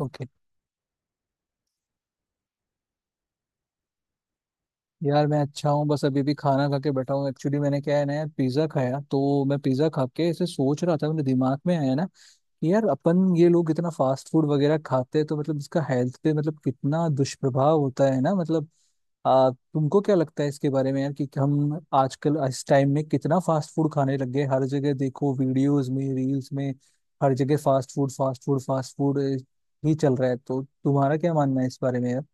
Okay. यार मैं अच्छा हूँ, बस अभी भी खाना खा के बैठा हूँ एक्चुअली। मैंने क्या है ना यार पिज्ज़ा खाया, तो मैं पिज़्ज़ा खा के ऐसे सोच रहा था। मेरे दिमाग में आया ना कि यार अपन ये लोग इतना फास्ट फूड वगैरह खाते हैं तो मतलब इसका हेल्थ पे मतलब कितना दुष्प्रभाव होता है ना, मतलब तुमको क्या लगता है इसके बारे में यार, कि हम आजकल इस टाइम में कितना फास्ट फूड खाने लग गए? हर जगह देखो, वीडियोस में, रील्स में, हर जगह fast food fast food fast food ही चल रहा है। तो तुम्हारा क्या मानना है इस बारे में यार?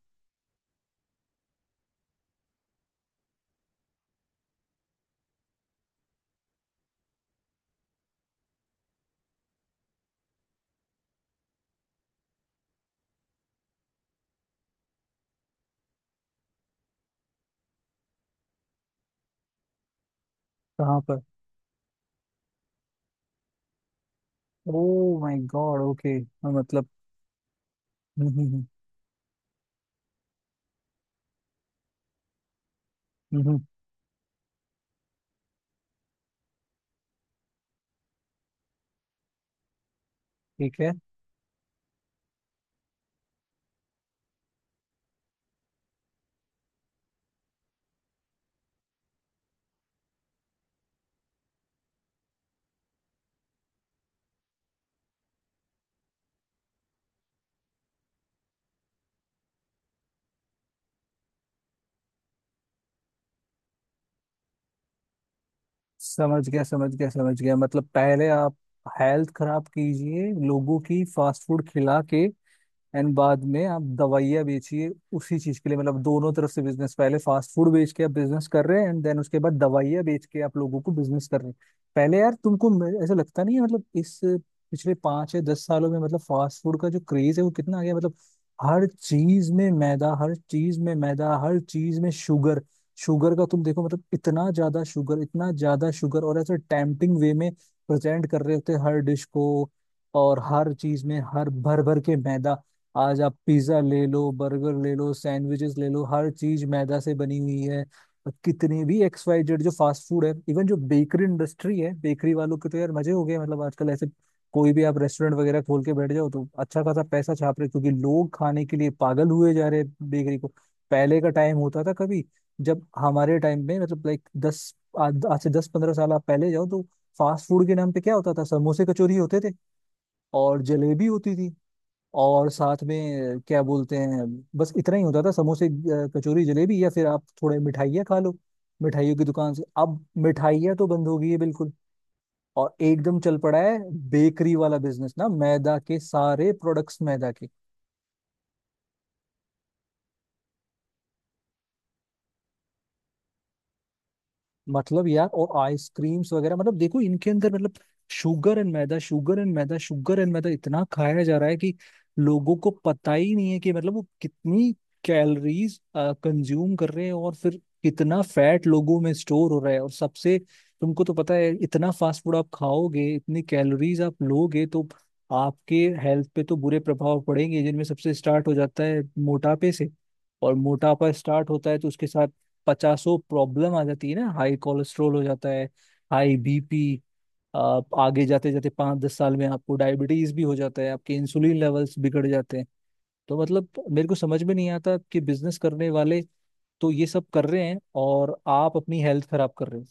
कहाँ पर? Oh my god. ओके। मतलब। हम्म, हम्म, हम्म, हम्म। ठीक है। समझ गया, समझ गया, समझ गया। मतलब पहले आप हेल्थ खराब कीजिए लोगों की फास्ट फूड खिला के, एंड बाद में आप दवाइयाँ बेचिए उसी चीज के लिए। मतलब दोनों तरफ से बिजनेस। पहले फास्ट फूड बेच के आप बिजनेस कर रहे हैं, एंड देन उसके बाद दवाइयाँ बेच के आप लोगों को बिजनेस कर रहे हैं। पहले यार तुमको ऐसा लगता नहीं है मतलब इस पिछले 5 या 10 सालों में मतलब फास्ट फूड का जो क्रेज है वो कितना आ गया? मतलब हर चीज में मैदा, हर चीज में मैदा, हर चीज में शुगर। शुगर का तुम देखो, मतलब इतना ज्यादा शुगर, इतना ज्यादा शुगर, और ऐसे टेम्पटिंग वे में प्रेजेंट कर रहे होते हैं हर डिश को। और हर चीज में हर भर भर के मैदा। आज आप पिज्जा ले लो, बर्गर ले लो, सैंडविचेस ले लो, हर चीज मैदा से बनी हुई है। और कितने भी एक्स वाई जेड जो फास्ट फूड है, इवन जो बेकरी इंडस्ट्री है, बेकरी वालों के तो यार मजे हो गए। मतलब आजकल ऐसे कोई भी आप रेस्टोरेंट वगैरह खोल के बैठ जाओ तो अच्छा खासा पैसा छाप रहे, क्योंकि लोग खाने के लिए पागल हुए जा रहे हैं बेकरी को। पहले का टाइम होता था कभी, जब हमारे टाइम में मतलब लाइक 10, आज आज से 10 15 साल आप पहले जाओ तो फास्ट फूड के नाम पे क्या होता था? समोसे कचौरी होते थे, और जलेबी होती थी, और साथ में क्या बोलते हैं, बस इतना ही होता था। समोसे, कचौरी, जलेबी, या फिर आप थोड़े मिठाइयाँ खा लो मिठाइयों की दुकान से। अब मिठाइयाँ तो बंद हो गई है बिल्कुल, और एकदम चल पड़ा है बेकरी वाला बिजनेस, ना मैदा के सारे प्रोडक्ट्स, मैदा के। मतलब यार, और आइसक्रीम्स वगैरह, मतलब देखो इनके अंदर मतलब शुगर एंड मैदा, शुगर एंड मैदा, शुगर एंड मैदा इतना खाया जा रहा है कि लोगों को पता ही नहीं है कि मतलब वो कितनी कैलोरीज कंज्यूम कर रहे हैं, और फिर कितना फैट लोगों में स्टोर हो रहा है। और सबसे, तुमको तो पता है, इतना फास्ट फूड आप खाओगे, इतनी कैलोरीज आप लोगे, तो आपके हेल्थ पे तो बुरे प्रभाव पड़ेंगे, जिनमें सबसे स्टार्ट हो जाता है मोटापे से। और मोटापा स्टार्ट होता है तो उसके साथ पचासों प्रॉब्लम आ जाती है ना, हाई कोलेस्ट्रोल हो जाता है, हाई बीपी, आप आगे जाते जाते 5 10 साल में आपको डायबिटीज भी हो जाता है, आपके इंसुलिन लेवल्स बिगड़ जाते हैं। तो मतलब मेरे को समझ में नहीं आता कि बिजनेस करने वाले तो ये सब कर रहे हैं, और आप अपनी हेल्थ खराब कर रहे हो।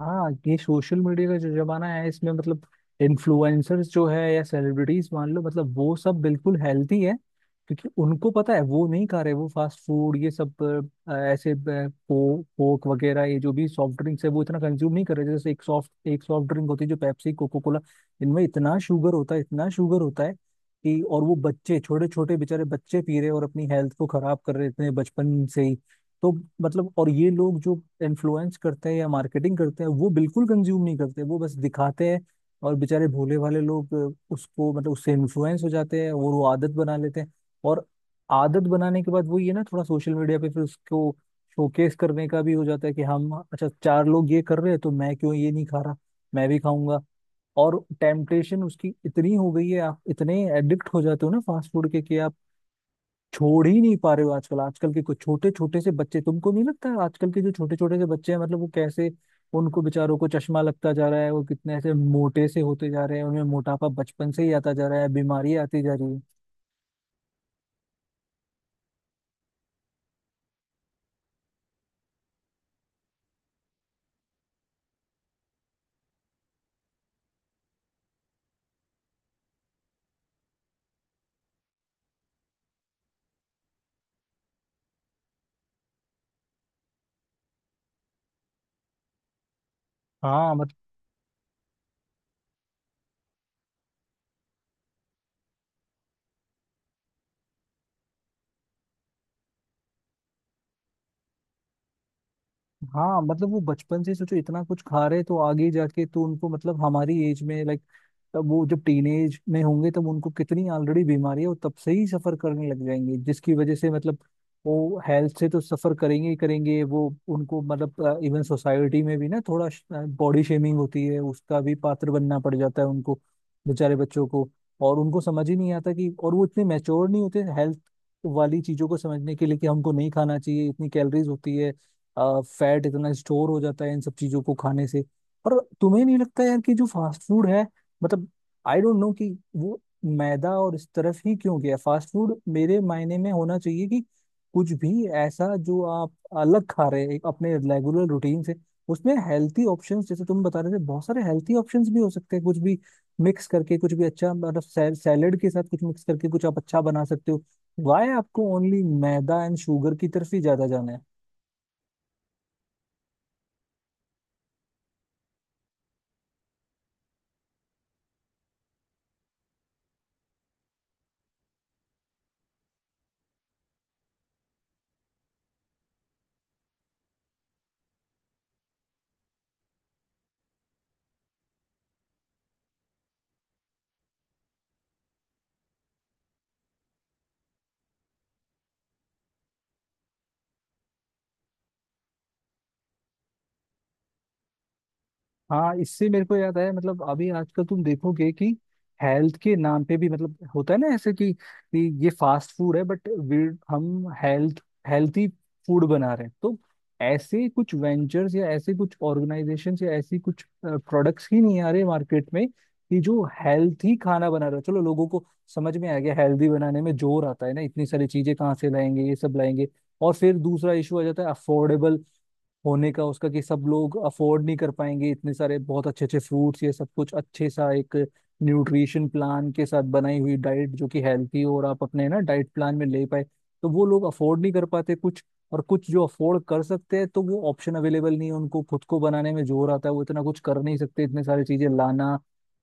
हाँ, ये सोशल मीडिया का जो जमाना है इसमें मतलब इन्फ्लुएंसर्स जो है, या सेलिब्रिटीज, मान लो मतलब वो सब बिल्कुल हेल्थी है, क्योंकि उनको पता है वो नहीं खा रहे वो फास्ट फूड ये सब, ऐसे कोक कोक वगैरह, ये जो भी सॉफ्ट ड्रिंक्स है वो इतना कंज्यूम नहीं कर रहे। जैसे एक सॉफ्ट ड्रिंक होती है जो पेप्सी कोको कोला, इनमें इतना शुगर होता है, इतना शुगर होता है, कि और वो बच्चे, छोटे छोटे बेचारे बच्चे पी रहे हैं और अपनी हेल्थ को खराब कर रहे हैं इतने बचपन से ही। तो मतलब, और ये लोग जो इन्फ्लुएंस करते हैं या मार्केटिंग करते हैं वो बिल्कुल कंज्यूम नहीं करते, वो बस दिखाते हैं। और बेचारे भोले भाले लोग उसको मतलब उससे इन्फ्लुएंस हो जाते हैं और वो आदत बना लेते हैं। और आदत बनाने के बाद वो, ये ना थोड़ा सोशल मीडिया पे फिर उसको शोकेस करने का भी हो जाता है कि हम, अच्छा चार लोग ये कर रहे हैं तो मैं क्यों ये नहीं खा रहा, मैं भी खाऊंगा। और टेम्पटेशन उसकी इतनी हो गई है, आप इतने एडिक्ट हो जाते हो ना फास्ट फूड के, कि आप छोड़ ही नहीं पा रहे हो। आजकल, आजकल के कुछ छोटे छोटे से बच्चे, तुमको नहीं लगता है आजकल के जो छोटे छोटे से बच्चे हैं, मतलब वो कैसे, उनको बेचारों को चश्मा लगता जा रहा है, वो कितने ऐसे मोटे से होते जा रहे हैं, उनमें मोटापा बचपन से ही आता जा रहा है, बीमारी आती जा रही है। हाँ, हाँ। मतलब वो बचपन से सोचो इतना कुछ खा रहे तो आगे जाके तो उनको मतलब हमारी एज में, लाइक तब वो जब टीनेज में होंगे, तब उनको कितनी ऑलरेडी बीमारी है वो तब से ही सफर करने लग जाएंगे, जिसकी वजह से मतलब वो हेल्थ से तो सफर करेंगे ही करेंगे। वो उनको मतलब इवन सोसाइटी में भी ना थोड़ा बॉडी शेमिंग होती है, उसका भी पात्र बनना पड़ जाता है उनको, बेचारे बच्चों को। और उनको समझ ही नहीं आता कि, और वो इतने मैच्योर नहीं होते हेल्थ वाली चीजों को समझने के लिए, कि हमको नहीं खाना चाहिए, इतनी कैलोरीज होती है, फैट इतना स्टोर हो जाता है इन सब चीजों को खाने से। पर तुम्हें नहीं लगता यार कि जो फास्ट फूड है, मतलब आई डोंट नो कि वो मैदा और इस तरफ ही क्यों गया? फास्ट फूड मेरे मायने में होना चाहिए कि कुछ भी ऐसा जो आप अलग खा रहे हैं एक अपने रेगुलर रूटीन से, उसमें हेल्थी ऑप्शंस, जैसे तुम बता रहे थे बहुत सारे हेल्थी ऑप्शंस भी हो सकते हैं, कुछ भी मिक्स करके कुछ भी अच्छा, मतलब सैलेड के साथ कुछ मिक्स करके कुछ आप अच्छा बना सकते हो। वाई आपको ओनली मैदा एंड शुगर की तरफ ही ज्यादा जाना है? हाँ, इससे मेरे को याद आया, मतलब अभी आजकल तुम देखोगे कि हेल्थ के नाम पे भी मतलब होता है ना ऐसे कि ये फास्ट फूड है, बट हम हेल्थी फूड बना रहे हैं। तो ऐसे कुछ वेंचर्स, या ऐसे कुछ ऑर्गेनाइजेशंस, या ऐसी कुछ प्रोडक्ट्स ही नहीं आ रहे मार्केट में, कि जो हेल्थी खाना बना रहा है, चलो लोगों को समझ में आ गया। हेल्दी बनाने में जोर आता है ना, इतनी सारी चीजें कहाँ से लाएंगे, ये सब लाएंगे। और फिर दूसरा इशू आ जाता है अफोर्डेबल होने का उसका, कि सब लोग अफोर्ड नहीं कर पाएंगे इतने सारे बहुत अच्छे अच्छे फ्रूट्स, ये सब कुछ अच्छे सा एक न्यूट्रिशन प्लान के साथ बनाई हुई डाइट जो कि हेल्थी हो और आप अपने ना डाइट प्लान में ले पाए। तो वो लोग अफोर्ड नहीं कर पाते कुछ, और कुछ जो अफोर्ड कर सकते हैं, तो वो ऑप्शन अवेलेबल नहीं है, उनको खुद को बनाने में जोर आता है, वो इतना कुछ कर नहीं सकते, इतने सारी चीजें लाना,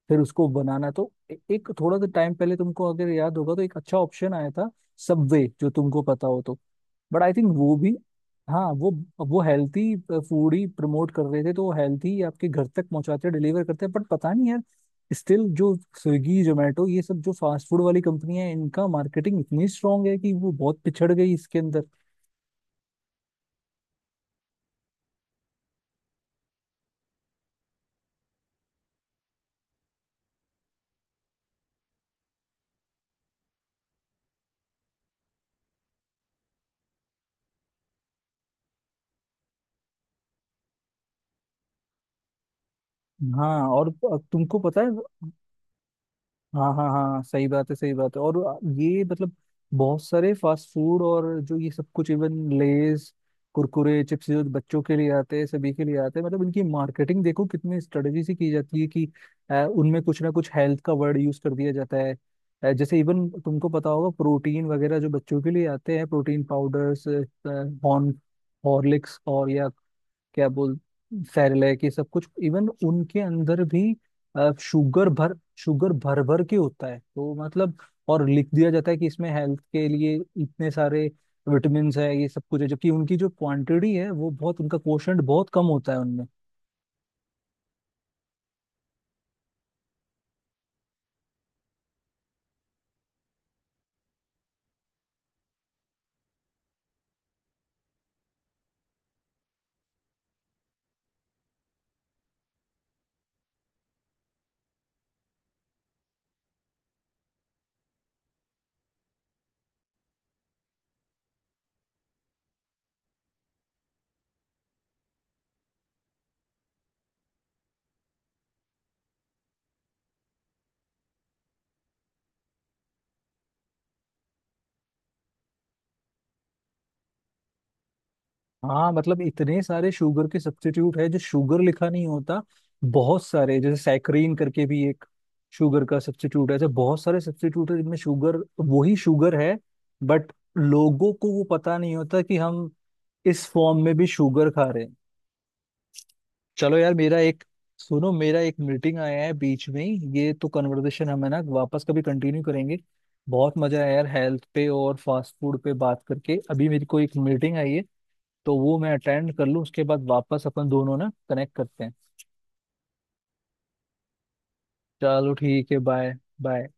फिर उसको बनाना। तो एक थोड़ा सा टाइम पहले, तुमको अगर याद होगा तो एक अच्छा ऑप्शन आया था, सबवे, जो तुमको पता हो तो, बट आई थिंक वो भी, हाँ वो हेल्थी फूड ही प्रमोट कर रहे थे। तो वो हेल्थी आपके घर तक पहुंचाते हैं, डिलीवर करते हैं, बट पता नहीं यार, स्टिल जो स्विगी जोमेटो ये सब जो फास्ट फूड वाली कंपनियां हैं, इनका मार्केटिंग इतनी स्ट्रांग है कि वो बहुत पिछड़ गई इसके अंदर। हाँ, और तुमको पता है, हाँ हाँ हाँ, सही बात है, सही बात है। और ये मतलब बहुत सारे फास्ट फूड और जो ये सब कुछ, इवन लेज, कुरकुरे, चिप्स जो बच्चों के लिए आते हैं, सभी के लिए आते हैं, मतलब इनकी मार्केटिंग देखो कितने स्ट्रेटजी से की जाती है, कि उनमें कुछ ना कुछ हेल्थ का वर्ड यूज कर दिया जाता है। जैसे इवन तुमको पता होगा प्रोटीन वगैरह जो बच्चों के लिए आते हैं, प्रोटीन पाउडर्स, हॉर्न हॉर्लिक्स और, या क्या बोल, सेरेलैक, ये सब कुछ, इवन उनके अंदर भी शुगर भर, शुगर भर भर के होता है तो मतलब। और लिख दिया जाता है कि इसमें हेल्थ के लिए इतने सारे विटामिन है, ये सब कुछ है, जबकि उनकी जो क्वांटिटी है वो बहुत, उनका कोशंट बहुत कम होता है उनमें। हाँ, मतलब इतने सारे शुगर के सब्स्टिट्यूट है जो शुगर लिखा नहीं होता। बहुत सारे, जैसे सैकरीन करके भी एक शुगर का सब्स्टिट्यूट है, ऐसे बहुत सारे सब्स्टिट्यूट है जिनमें शुगर वही शुगर है। बट लोगों को वो पता नहीं होता कि हम इस फॉर्म में भी शुगर खा रहे हैं। चलो यार मेरा एक सुनो, मेरा एक मीटिंग आया है बीच में ही। ये तो कन्वर्सेशन हम है ना वापस कभी कंटिन्यू करेंगे, बहुत मजा आया यार हेल्थ पे और फास्ट फूड पे बात करके। अभी मेरी को एक मीटिंग आई है, तो वो मैं अटेंड कर लूँ उसके बाद वापस अपन दोनों ना कनेक्ट करते हैं। चलो ठीक है, बाय। बाय।